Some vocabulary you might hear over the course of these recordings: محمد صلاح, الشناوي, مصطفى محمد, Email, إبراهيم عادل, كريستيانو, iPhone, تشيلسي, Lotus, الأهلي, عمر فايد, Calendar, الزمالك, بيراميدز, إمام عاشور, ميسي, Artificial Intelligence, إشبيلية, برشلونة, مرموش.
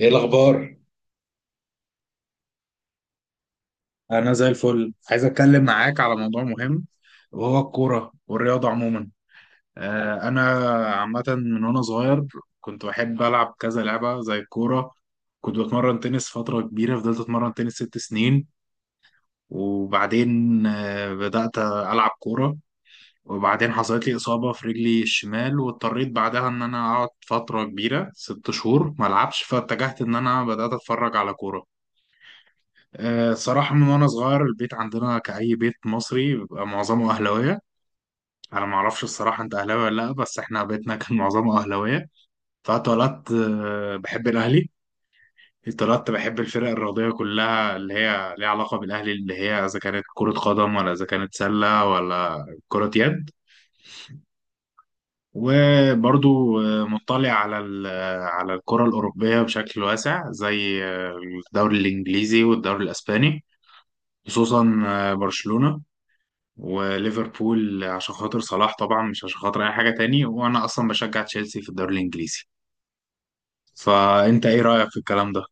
ايه الاخبار؟ انا زي الفل. عايز اتكلم معاك على موضوع مهم، وهو الكوره والرياضه عموما. انا عامه من وانا صغير كنت بحب العب كذا لعبه زي الكوره. كنت بتمرن تنس فتره كبيره، فضلت اتمرن تنس ست سنين. وبعدين بدات العب كوره. وبعدين حصلت لي اصابه في رجلي الشمال، واضطريت بعدها ان انا اقعد فتره كبيره ست شهور ما العبش، فاتجهت ان انا بدات اتفرج على كوره. صراحة من وأنا صغير البيت عندنا كأي بيت مصري بيبقى معظمه أهلاوية. أنا معرفش الصراحة أنت أهلاوي ولا لأ، بس إحنا بيتنا كان معظمه أهلاوية. فاتولدت بحب الأهلي. اتولدت بحب الفرق الرياضية كلها اللي هي ليها علاقة بالأهلي، اللي هي إذا كانت كرة قدم ولا إذا كانت سلة ولا كرة يد. وبرضو مطلع على على الكرة الأوروبية بشكل واسع، زي الدوري الإنجليزي والدوري الإسباني. خصوصا برشلونة وليفربول عشان خاطر صلاح، طبعا مش عشان خاطر اي حاجه تاني، وانا اصلا بشجع تشيلسي في الدوري الانجليزي. فانت ايه رايك في الكلام ده؟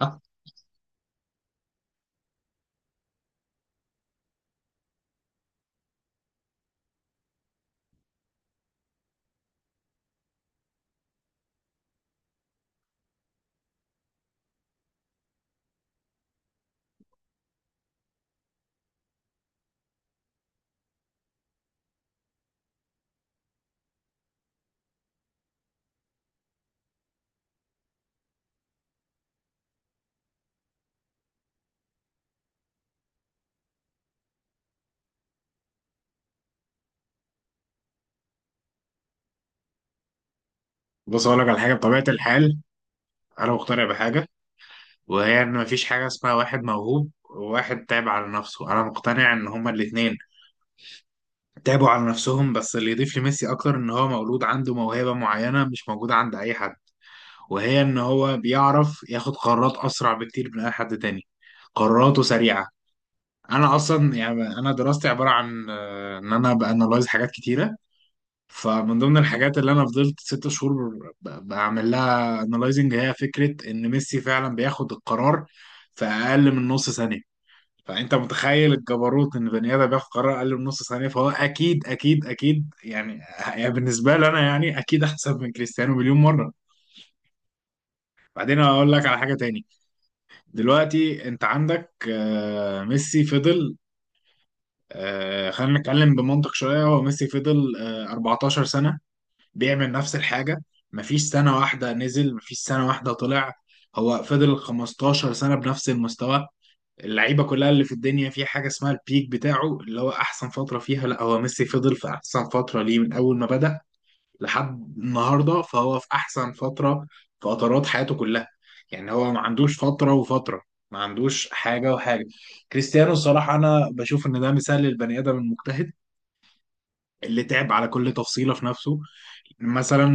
بص اقول لك على حاجه. بطبيعه الحال انا مقتنع بحاجه، وهي ان مفيش حاجه اسمها واحد موهوب وواحد تعب على نفسه. انا مقتنع ان هما الاثنين تعبوا على نفسهم، بس اللي يضيف لميسي اكتر ان هو مولود عنده موهبه معينه مش موجوده عند اي حد، وهي ان هو بيعرف ياخد قرارات اسرع بكتير من اي حد تاني. قراراته سريعه. انا اصلا يعني انا دراستي عباره عن ان انا بانلايز حاجات كتيره. فمن ضمن الحاجات اللي انا فضلت ست شهور بعمل لها انلايزنج هي فكره ان ميسي فعلا بياخد القرار في اقل من نص ثانيه. فانت متخيل الجبروت ان بني ادم بياخد قرار اقل من نص ثانيه؟ فهو اكيد اكيد اكيد يعني. يعني بالنسبه لي انا يعني اكيد احسن من كريستيانو مليون مره. بعدين هقول لك على حاجه تاني. دلوقتي انت عندك ميسي فضل، آه خلينا نتكلم بمنطق شوية، هو ميسي فضل آه 14 سنة بيعمل نفس الحاجة. مفيش سنة واحدة نزل، مفيش سنة واحدة طلع. هو فضل 15 سنة بنفس المستوى. اللعيبة كلها اللي في الدنيا في حاجة اسمها البيك بتاعه اللي هو أحسن فترة فيها، لا هو ميسي فضل في أحسن فترة ليه من أول ما بدأ لحد النهارده، فهو في احسن فتره، فترات حياته كلها. يعني هو ما عندوش فتره وفتره، ما عندوش حاجه وحاجه. كريستيانو الصراحه انا بشوف ان ده مثال للبني ادم المجتهد اللي تعب على كل تفصيله في نفسه. مثلا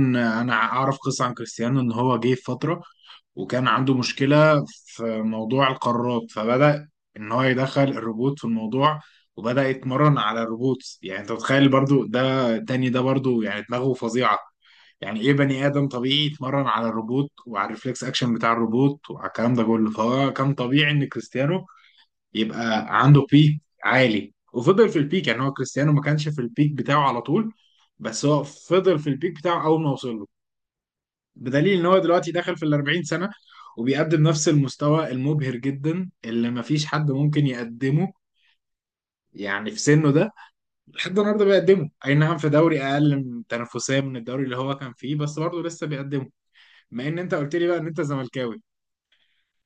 انا اعرف قصه عن كريستيانو ان هو جه في فتره وكان عنده مشكله في موضوع القرارات، فبدا ان هو يدخل الروبوت في الموضوع، وبدا يتمرن على الروبوت. يعني انت متخيل برضو ده تاني؟ ده برضو يعني دماغه فظيعه. يعني ايه بني ادم طبيعي يتمرن على الروبوت وعلى الريفلكس اكشن بتاع الروبوت وعلى الكلام ده كله؟ فهو كان طبيعي ان كريستيانو يبقى عنده بيك عالي وفضل في البيك. يعني هو كريستيانو ما كانش في البيك بتاعه على طول، بس هو فضل في البيك بتاعه اول ما وصل له، بدليل ان هو دلوقتي داخل في ال 40 سنه وبيقدم نفس المستوى المبهر جدا اللي ما فيش حد ممكن يقدمه. يعني في سنه ده لحد النهارده بيقدمه، اي نعم في دوري اقل من تنافسيه من الدوري اللي هو كان فيه، بس برضه لسه بيقدمه. بما ان انت قلت لي بقى ان انت زملكاوي،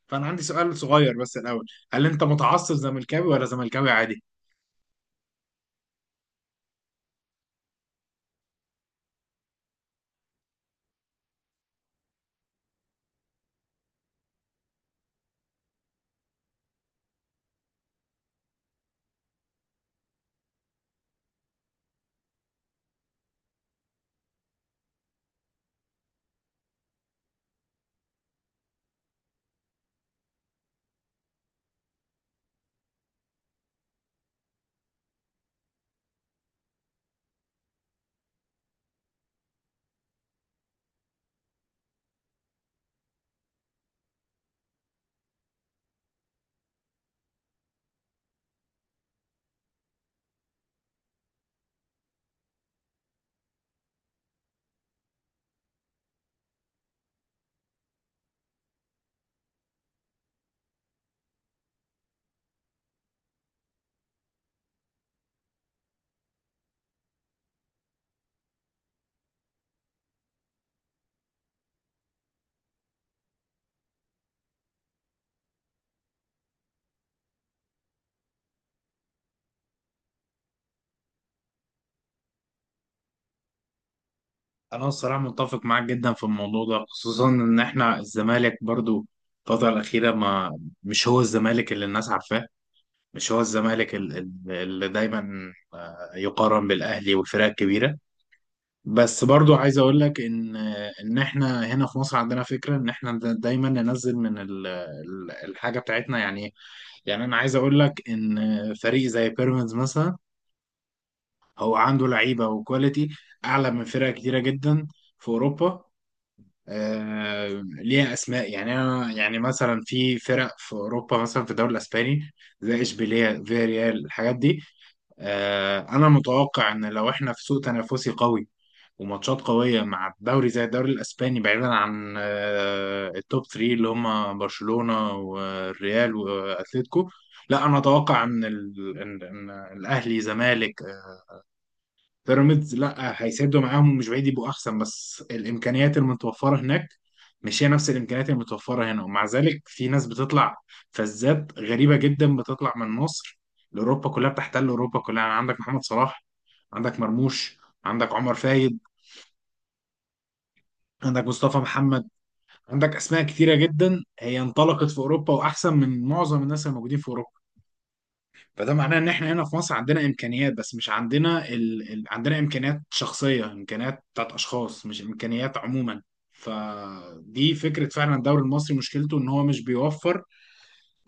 فانا عندي سؤال صغير بس الاول، هل انت متعصب زملكاوي ولا زملكاوي عادي؟ انا الصراحه متفق معاك جدا في الموضوع ده، خصوصا ان احنا الزمالك برضو الفتره الاخيره ما مش هو الزمالك اللي الناس عارفاه. مش هو الزمالك اللي دايما يقارن بالاهلي والفرق الكبيره. بس برضو عايز اقول لك ان ان احنا هنا في مصر عندنا فكره ان احنا دايما ننزل من الحاجه بتاعتنا يعني. يعني انا عايز اقول لك ان فريق زي بيراميدز مثلا هو عنده لعيبه وكواليتي اعلى من فرق كتيره جدا في اوروبا، آه ليها اسماء. يعني انا يعني مثلا في فرق في اوروبا مثلا في الدوري الاسباني زي اشبيليه فياريال الحاجات دي. آه انا متوقع ان لو احنا في سوق تنافسي قوي وماتشات قوية مع الدوري زي الدوري الأسباني، بعيدا عن التوب 3 اللي هما برشلونة والريال وأتلتيكو، لا أنا أتوقع إن إن الأهلي زمالك بيراميدز لا هيسدوا معاهم، مش بعيد يبقوا أحسن، بس الإمكانيات المتوفرة هناك مش هي نفس الإمكانيات المتوفرة هنا. ومع ذلك في ناس بتطلع فزات غريبة جدا بتطلع من مصر لأوروبا كلها، بتحتل أوروبا كلها. يعني عندك محمد صلاح، عندك مرموش، عندك عمر فايد، عندك مصطفى محمد، عندك اسماء كتيره جدا هي انطلقت في اوروبا واحسن من معظم الناس الموجودين في اوروبا. فده معناه ان احنا هنا في مصر عندنا امكانيات، بس مش عندنا عندنا امكانيات شخصيه، امكانيات بتاعت اشخاص، مش امكانيات عموما. فدي فكره. فعلا الدوري المصري مشكلته ان هو مش بيوفر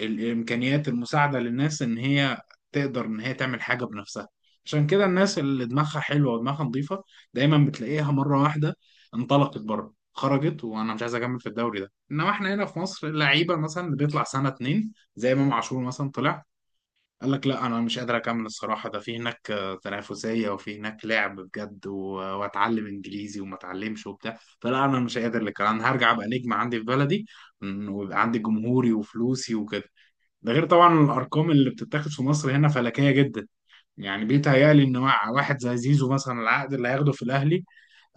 الامكانيات المساعده للناس ان هي تقدر ان هي تعمل حاجه بنفسها. عشان كده الناس اللي دماغها حلوه ودماغها نظيفه دايما بتلاقيها مره واحده انطلقت بره، خرجت وانا مش عايز اكمل في الدوري ده. انما احنا هنا في مصر اللعيبه مثلا اللي بيطلع سنه اتنين زي امام عاشور مثلا، طلع قال لك لا انا مش قادر اكمل الصراحه، ده في هناك تنافسيه وفي هناك لعب بجد، واتعلم انجليزي وما اتعلمش وبتاع، فلا انا مش قادر، لك انا هرجع ابقى نجم عندي في بلدي، ويبقى عندي جمهوري وفلوسي وكده. ده غير طبعا الارقام اللي بتتاخد في مصر هنا فلكيه جدا. يعني بيتهيألي ان مع واحد زي زيزو مثلا العقد اللي هياخده في الاهلي،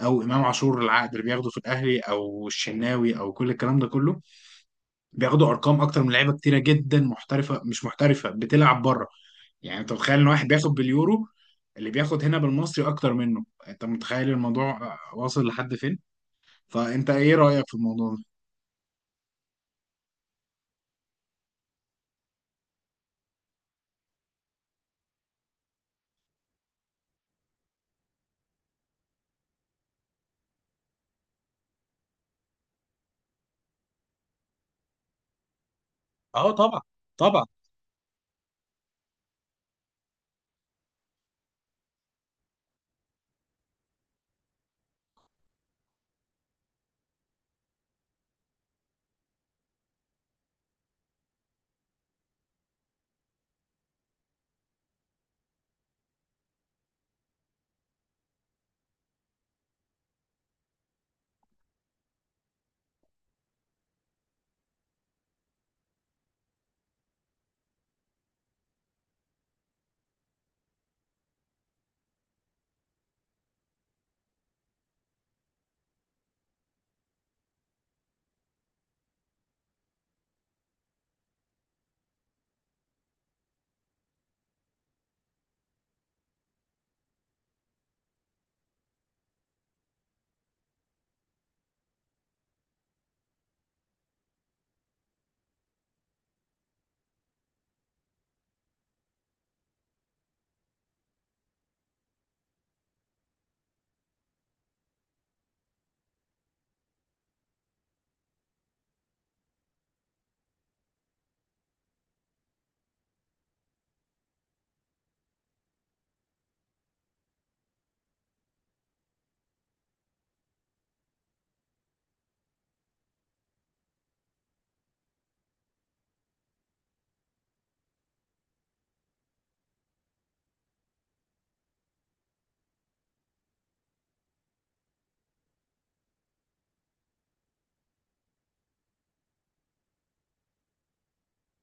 او امام عاشور العقد اللي بياخده في الاهلي، او الشناوي، او كل الكلام ده كله، بياخدوا ارقام اكتر من لعيبه كتيره جدا محترفه، مش محترفه بتلعب بره. يعني انت متخيل ان واحد بياخد باليورو اللي بياخد هنا بالمصري اكتر منه؟ انت متخيل الموضوع واصل لحد فين؟ فانت ايه رأيك في الموضوع ده؟ اه طبعا. طبعا.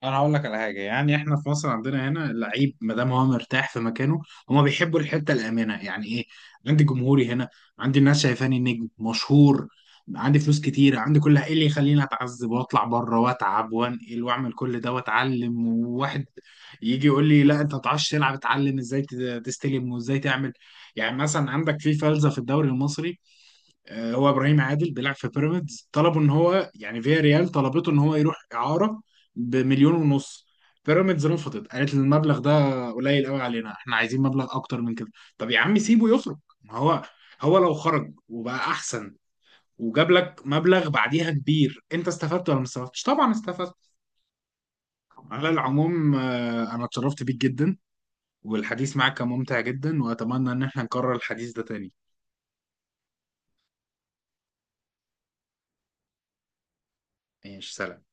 انا هقول لك على حاجه. يعني احنا في مصر عندنا هنا اللعيب ما دام هو مرتاح في مكانه، هما بيحبوا الحته الامنه. يعني ايه؟ عندي جمهوري هنا، عندي الناس شايفاني نجم مشهور، عندي فلوس كتير، عندي كل ايه اللي يخليني اتعذب واطلع بره واتعب وانقل واعمل كل ده واتعلم، وواحد يجي يقول لي لا انت ما تعرفش تلعب، اتعلم ازاي تستلم وازاي تعمل. يعني مثلا عندك في فلسفه في الدوري المصري، هو ابراهيم عادل بيلعب في بيراميدز، طلبوا ان هو يعني فيا ريال طلبته ان هو يروح اعاره بمليون ونص. بيراميدز رفضت، قالت إن المبلغ ده قليل قوي علينا، احنا عايزين مبلغ اكتر من كده. طب يا عم سيبه يخرج، ما هو هو لو خرج وبقى احسن وجاب لك مبلغ بعديها كبير، انت استفدت ولا ما استفدتش؟ طبعا استفدت. على العموم انا اتشرفت بيك جدا، والحديث معك كان ممتع جدا، واتمنى ان احنا نكرر الحديث ده تاني. ماشي سلام.